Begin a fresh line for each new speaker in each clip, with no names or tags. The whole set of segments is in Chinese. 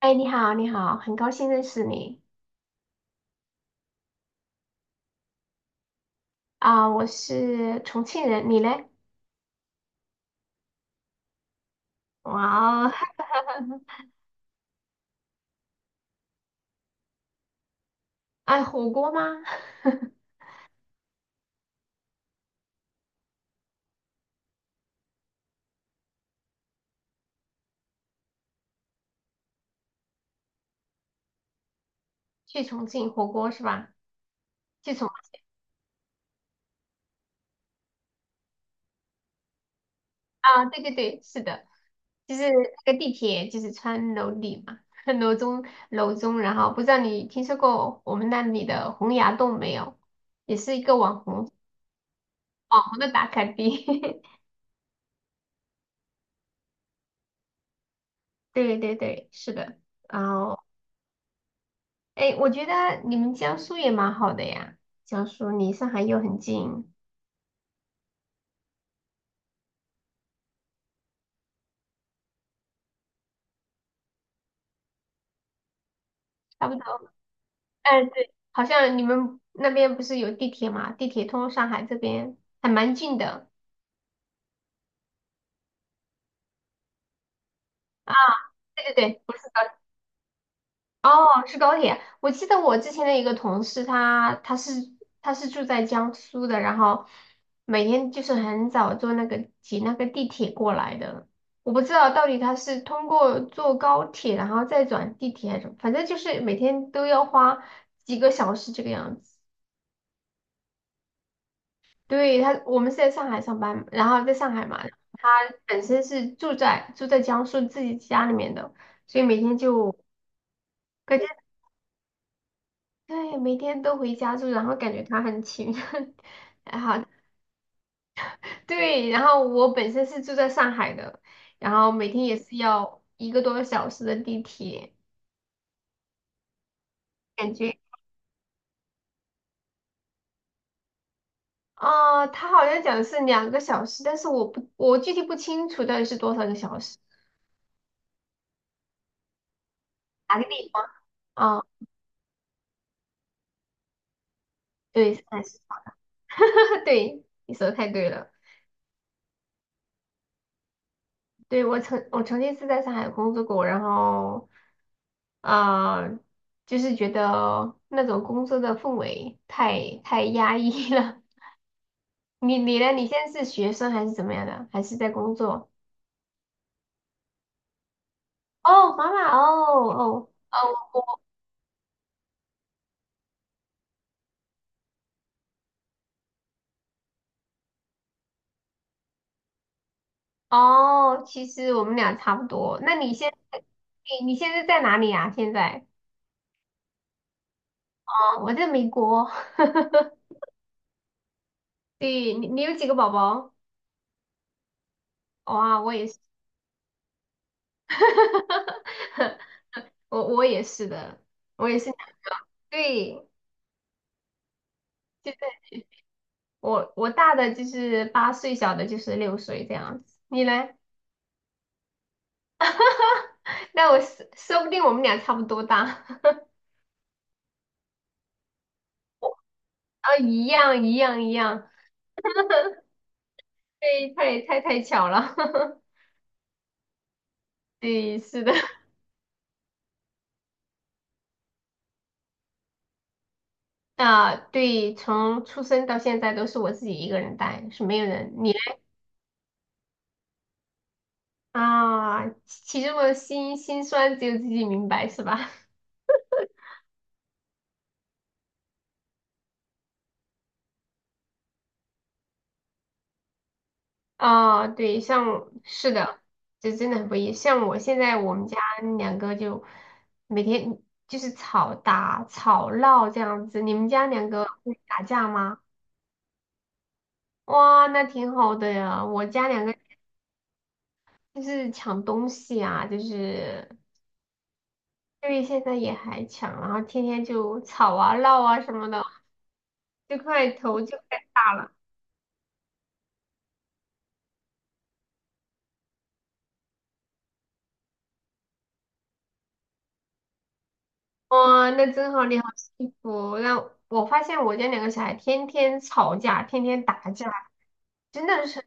哎，你好，你好，很高兴认识你。啊，我是重庆人，你嘞？哇哦，爱火锅吗？去重庆火锅是吧？去重啊，对对对，是的。就是那个地铁就是穿楼底嘛，楼中楼中，然后不知道你听说过我们那里的洪崖洞没有？也是一个网红的打卡地。对对对，是的。然后哎，我觉得你们江苏也蛮好的呀，江苏离上海又很近。差不多。哎，对，好像你们那边不是有地铁嘛？地铁通上海这边还蛮近的。啊。对对对，不是高铁，哦，是高铁。我记得我之前的一个同事他，他是住在江苏的，然后每天就是很早坐那个挤那个地铁过来的。我不知道到底他是通过坐高铁，然后再转地铁还是什么，反正就是每天都要花几个小时这个样子。对，他，我们是在上海上班，然后在上海嘛，本身是住在江苏自己家里面的，所以每天就感觉对，每天都回家住，然后感觉他很勤，然后对，然后我本身是住在上海的，然后每天也是要1个多小时的地铁，感觉啊，他好像讲的是2个小时，但是我具体不清楚到底是多少个小时，哪个地方啊？对，是30 对，你说的太对了。对，我曾经是在上海工作过，然后，呃，就是觉得那种工作的氛围太压抑了。你呢？你现在是学生还是怎么样的？还是在工作？哦，妈妈，哦哦哦哦，其实我们俩差不多。那你现在，你现在在哪里啊？现在？哦，我在美国。对，你有几个宝宝？哇，我也是，我也是的，我也是。对，就是我大的就是8岁，小的就是6岁这样子。你呢？那我说不定我们俩差不多大，啊，一样一样一样。对，太巧了。对，是的，啊，对，从出生到现在都是我自己一个人带，是没有人。你呢？啊，其中的辛辛酸只有自己明白，是吧？啊，对，像是的，这真的很不易。像我现在我们家两个就每天就是吵打、吵闹这样子。你们家两个会打架吗？哇，那挺好的呀。我家两个就是抢东西啊，就是因为现在也还抢，然后天天就吵啊、闹啊什么的，头就快大了。哇，那真好，你好幸福。那我发现我家两个小孩天天吵架，天天打架。真的是。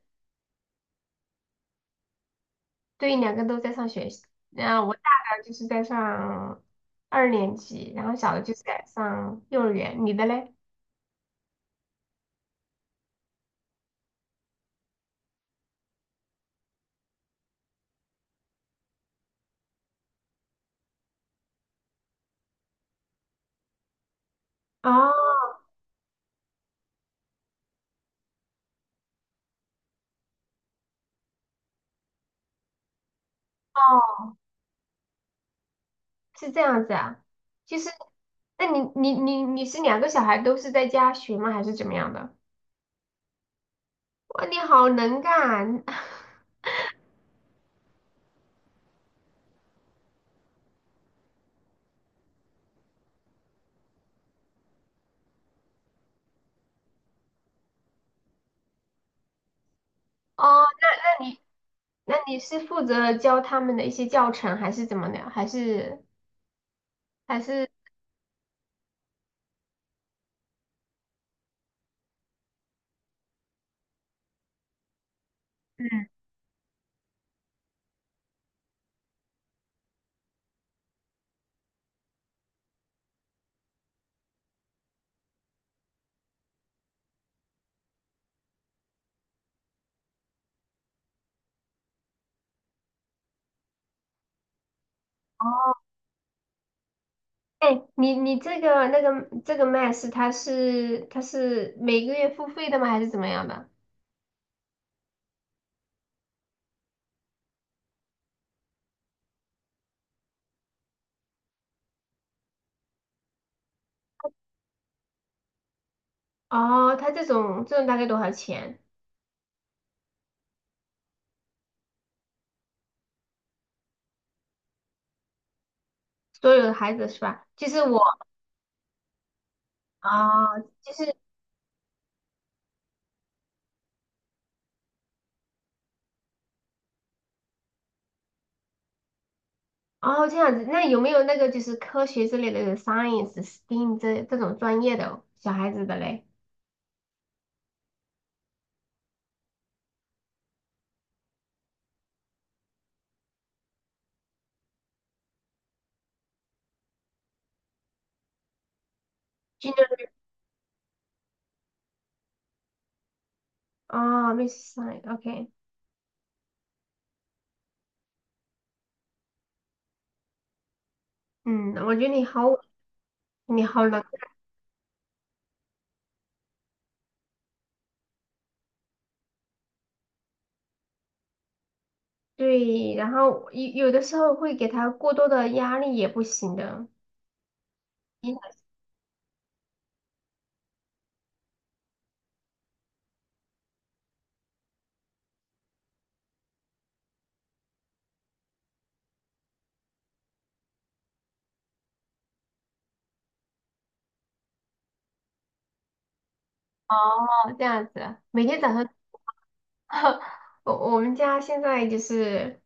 对，两个都在上学习。那我大的就是在上2年级，然后小的就是在上幼儿园。你的嘞？哦，是这样子啊，就是，那你是两个小孩都是在家学吗？还是怎么样的？哇，你好能干 哦！那你那你是负责教他们的一些教程，还是怎么的？还是还是嗯，哦，哎，你这个 Max 它是每个月付费的吗？还是怎么样的？哦，它这种大概多少钱？所有的孩子是吧？就是我啊，就是哦这样子。那有没有那个就是科学之类的有 science、s t e m 这种专业的小孩子的嘞？军人啊 m i s s Science，OK，嗯，我觉得你好，你好能对，然后有的时候会给他过多的压力也不行的。你好，这样子，每天早上。我们家现在就是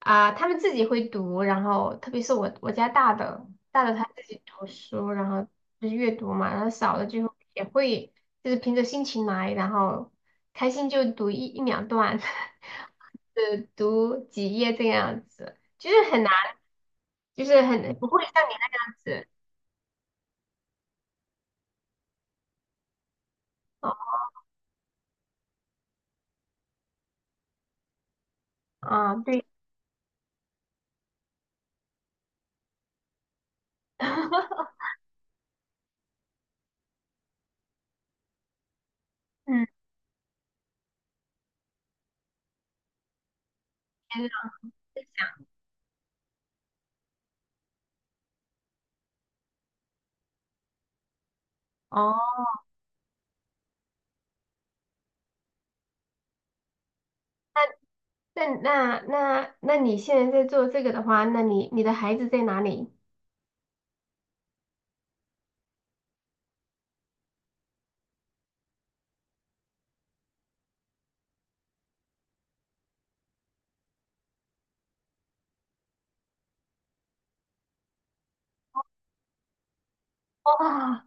啊、他们自己会读，然后特别是我家大的他自己读书，然后就是阅读嘛，然后小的就也会就是凭着心情来，然后开心就读一两段，读几页这样子，就是很难，就是很不会像你那样子。哦，啊，对，嗯，天呐，哦。那你现在在做这个的话，那你的孩子在哪里？哇，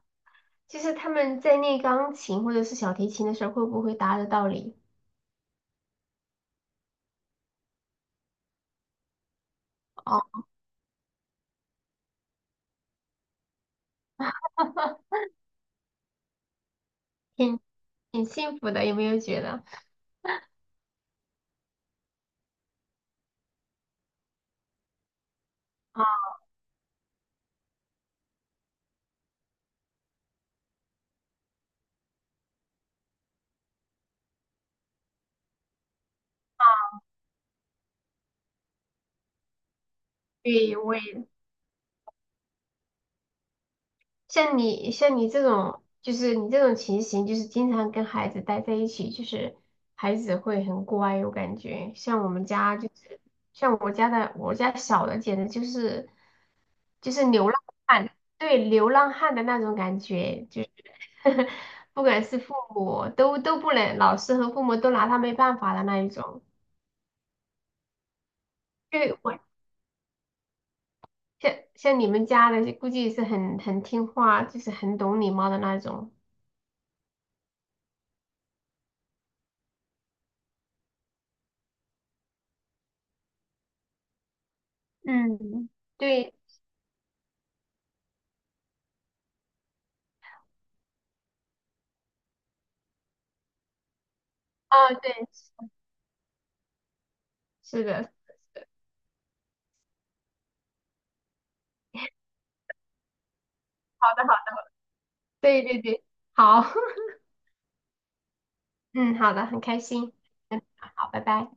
就是他们在练钢琴或者是小提琴的时候，会不会打得到你？哦，挺挺幸福的，有没有觉得？对，我也像你这种，就是你这种情形，就是经常跟孩子待在一起，就是孩子会很乖，我感觉。像我们家就是，像我家的，我家小的简直就是流浪。对，流浪汉的那种感觉，就是 不管是父母都不能，老师和父母都拿他没办法的那一种。对，我像你们家的，估计是很听话，就是很懂礼貌的那种。嗯，对，啊，对，是的，对对对，好，嗯，好的，很开心，嗯，好，拜拜。